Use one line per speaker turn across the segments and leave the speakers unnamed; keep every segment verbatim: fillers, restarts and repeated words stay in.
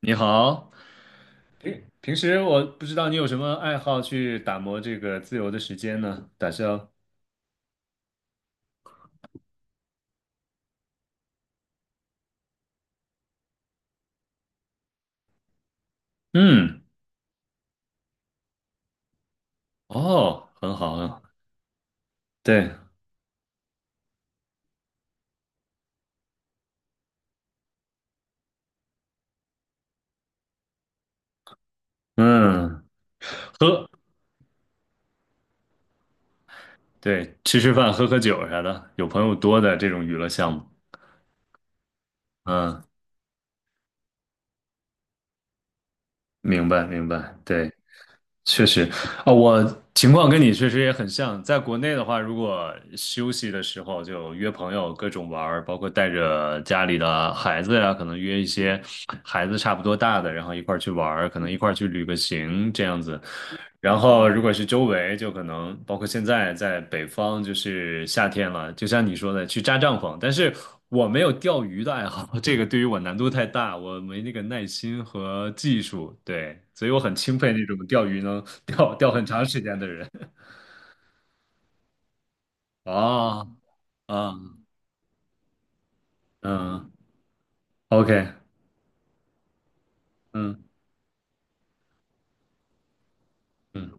你好，平平时我不知道你有什么爱好去打磨这个自由的时间呢？打消，嗯，哦，很好，很好，对，嗯，喝，对，吃吃饭，喝喝酒啥的，有朋友多的这种娱乐项目，嗯，明白，明白，对，确实，啊、我情况跟你确实也很像。在国内的话，如果休息的时候就约朋友各种玩儿，包括带着家里的孩子呀、可能约一些孩子差不多大的，然后一块儿去玩儿，可能一块儿去旅个行这样子。然后如果是周围，就可能包括现在在北方，就是夏天了，就像你说的，去扎帐篷。但是我没有钓鱼的爱好，这个对于我难度太大，我没那个耐心和技术，对，所以我很钦佩那种钓鱼能钓钓很长时间的人。哦，啊，嗯，OK，嗯嗯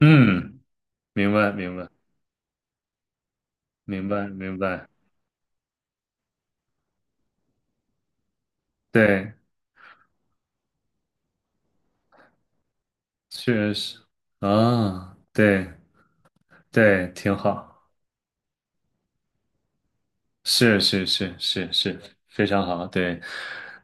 嗯，明白明白明白明白，对，确实，啊，对对，挺好。是是是是是，非常好，对。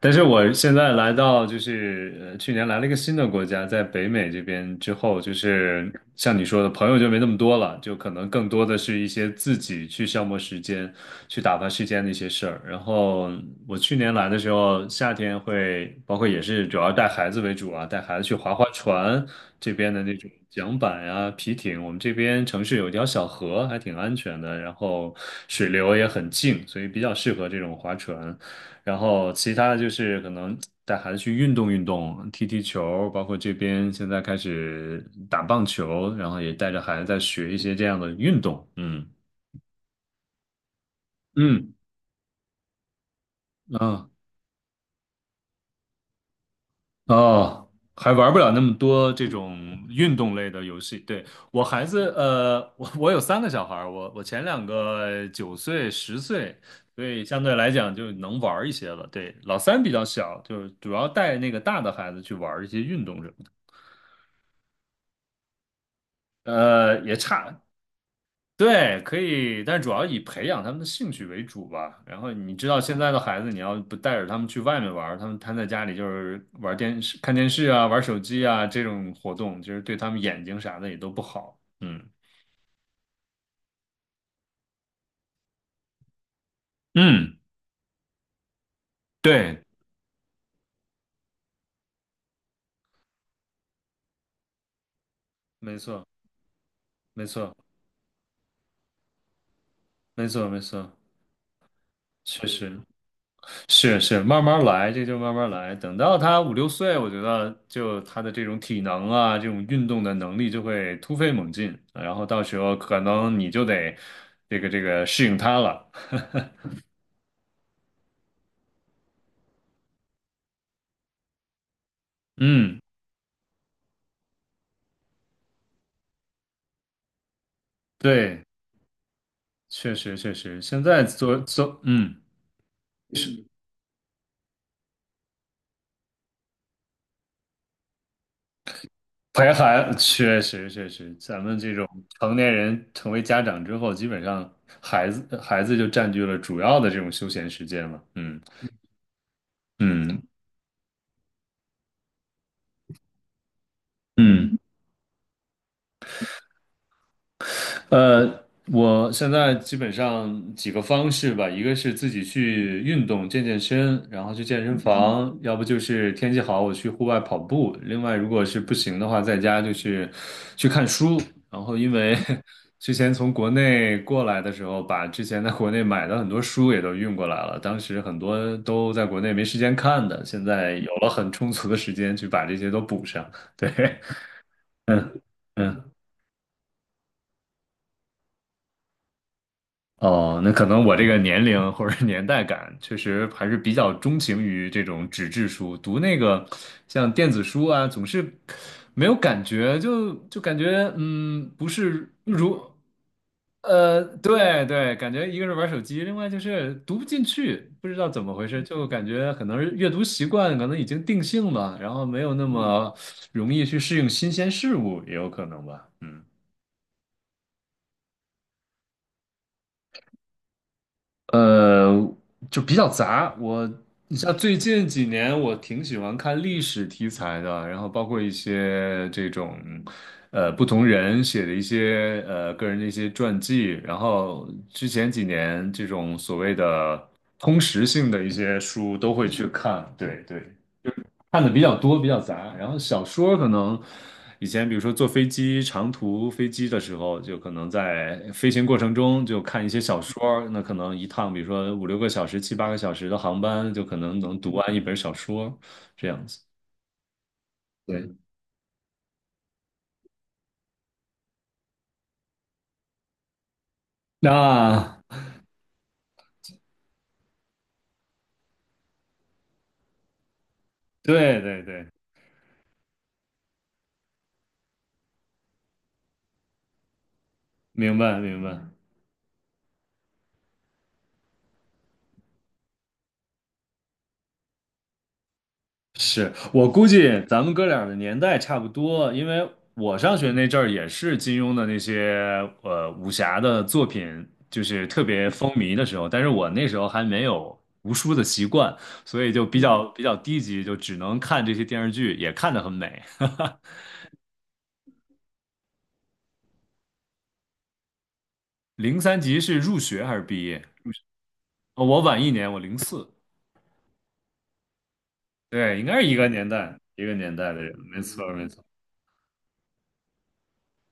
但是我现在来到就是呃，去年来了一个新的国家，在北美这边之后，就是像你说的，朋友就没那么多了，就可能更多的是一些自己去消磨时间、去打发时间的一些事儿。然后我去年来的时候，夏天会包括也是主要带孩子为主啊，带孩子去划划船，这边的那种桨板啊、皮艇，我们这边城市有一条小河，还挺安全的，然后水流也很静，所以比较适合这种划船。然后其他的就是可能带孩子去运动运动，踢踢球，包括这边现在开始打棒球，然后也带着孩子在学一些这样的运动，嗯嗯。啊。哦，还玩不了那么多这种运动类的游戏。对，我孩子，呃，我我有三个小孩儿我我前两个九岁、十岁，所以相对来讲就能玩儿一些了。对，老三比较小，就是主要带那个大的孩子去玩儿一些运动什么的。呃，也差，对，可以，但主要以培养他们的兴趣为主吧。然后你知道现在的孩子，你要不带着他们去外面玩儿他们瘫在家里就是玩电视、看电视啊、玩手机啊这种活动，其实对他们眼睛啥的也都不好。嗯嗯，对，没错，没错，没错，没错，确实。是是，慢慢来，这就慢慢来。等到他五六岁，我觉得就他的这种体能啊，这种运动的能力就会突飞猛进，然后到时候可能你就得这个这个适应他了。嗯，对，确实确实，现在做做，嗯，是陪孩，确实确实，咱们这种成年人成为家长之后，基本上孩子孩子就占据了主要的这种休闲时间了。嗯嗯嗯。呃，我现在基本上几个方式吧，一个是自己去运动健健身，然后去健身房，嗯要不就是天气好我去户外跑步。另外，如果是不行的话，在家就是去看书。然后，因为 之前从国内过来的时候，把之前在国内买的很多书也都运过来了，当时很多都在国内没时间看的，现在有了很充足的时间去把这些都补上。对，嗯嗯。哦，那可能我这个年龄或者年代感，确实还是比较钟情于这种纸质书。读那个像电子书啊，总是没有感觉，就就感觉嗯，不是如呃，对对，感觉一个是玩手机，另外就是读不进去，不知道怎么回事，就感觉可能是阅读习惯可能已经定性了，然后没有那么容易去适应新鲜事物，也有可能吧，嗯。呃，就比较杂。我，你像最近几年，我挺喜欢看历史题材的，然后包括一些这种，呃，不同人写的一些呃个人的一些传记。然后之前几年这种所谓的通识性的一些书都会去看。对对。看的比较多，比较杂。然后小说可能以前，比如说坐飞机长途飞机的时候，就可能在飞行过程中就看一些小说。那可能一趟，比如说五六个小时、七八个小时的航班，就可能能读完一本小说，这样子。对，那对对对，明白明白。是我估计咱们哥俩的年代差不多，因为我上学那阵儿也是金庸的那些呃武侠的作品，就是特别风靡的时候，但是我那时候还没有读书的习惯，所以就比较比较低级，就只能看这些电视剧，也看得很美。零三级是入学还是毕业？哦我晚一年，我零四，对，应该是一个年代一个年代的人，没错没错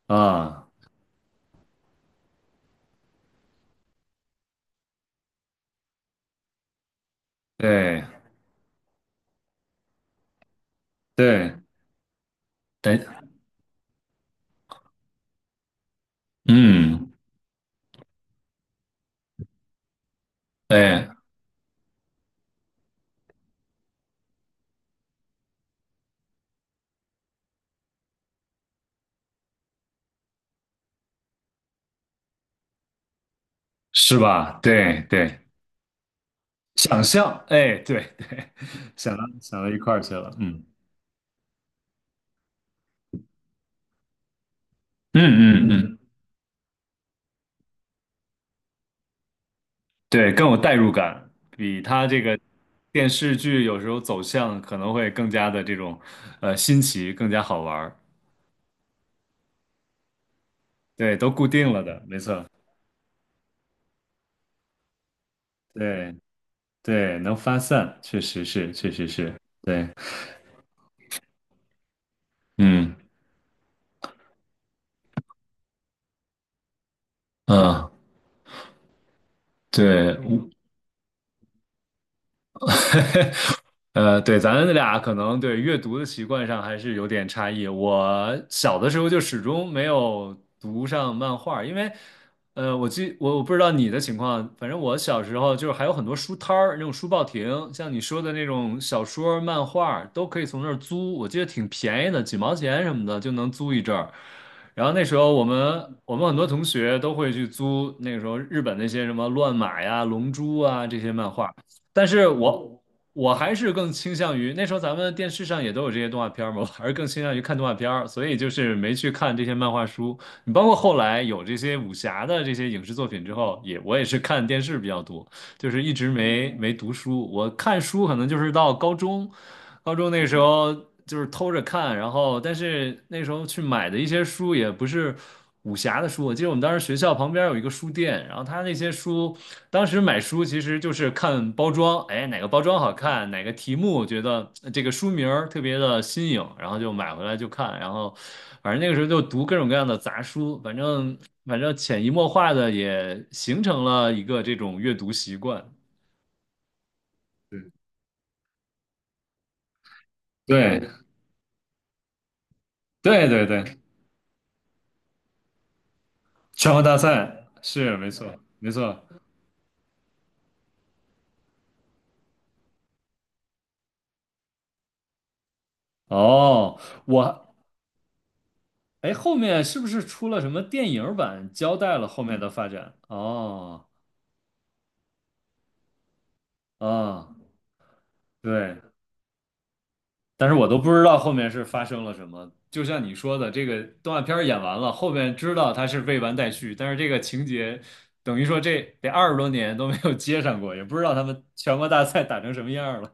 啊，对对，对，嗯，对。是吧？对对，想象，哎，对对，想到想到一块儿去了，嗯嗯嗯嗯，对，更有代入感，比他这个电视剧有时候走向可能会更加的这种呃新奇，更加好玩儿。对，都固定了的，没错。对对，能发散，确实是，确实是，对，嗯嗯，对，呃，对，咱俩可能对阅读的习惯上还是有点差异。我小的时候就始终没有读上漫画，因为，呃，我记我我不知道你的情况，反正我小时候就是还有很多书摊儿，那种书报亭，像你说的那种小说、漫画都可以从那儿租，我记得挺便宜的，几毛钱什么的就能租一阵儿。然后那时候我们我们很多同学都会去租那个时候日本那些什么乱马呀、龙珠啊这些漫画。但是我我还是更倾向于那时候咱们电视上也都有这些动画片儿嘛，我还是更倾向于看动画片儿，所以就是没去看这些漫画书。你包括后来有这些武侠的这些影视作品之后，也我也是看电视比较多，就是一直没没读书。我看书可能就是到高中，高中那时候就是偷着看，然后但是那时候去买的一些书也不是。武侠的书，我记得我们当时学校旁边有一个书店，然后他那些书当时买书其实就是看包装，哎，哪个包装好看，哪个题目觉得呃这个书名儿特别的新颖，然后就买回来就看，然后反正那个时候就读各种各样的杂书，反正反正潜移默化的也形成了一个这种阅读习惯。对对对对，全国大赛是没错没错。哦，我哎，后面是不是出了什么电影版，交代了后面的发展？哦啊，对，但是我都不知道后面是发生了什么。就像你说的，这个动画片儿演完了，后面知道它是未完待续，但是这个情节等于说这得二十多年都没有接上过，也不知道他们全国大赛打成什么样了。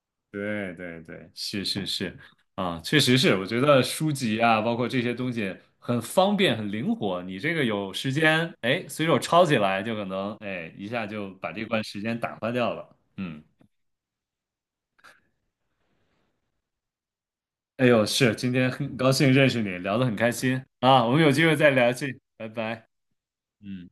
对对对，是是是，啊，确实是，我觉得书籍啊，包括这些东西很方便、很灵活，你这个有时间，哎，随手抄起来就可能，哎，一下就把这段时间打发掉了。嗯哎呦，是，今天很高兴认识你，聊得很开心啊，我们有机会再聊去，拜拜。嗯。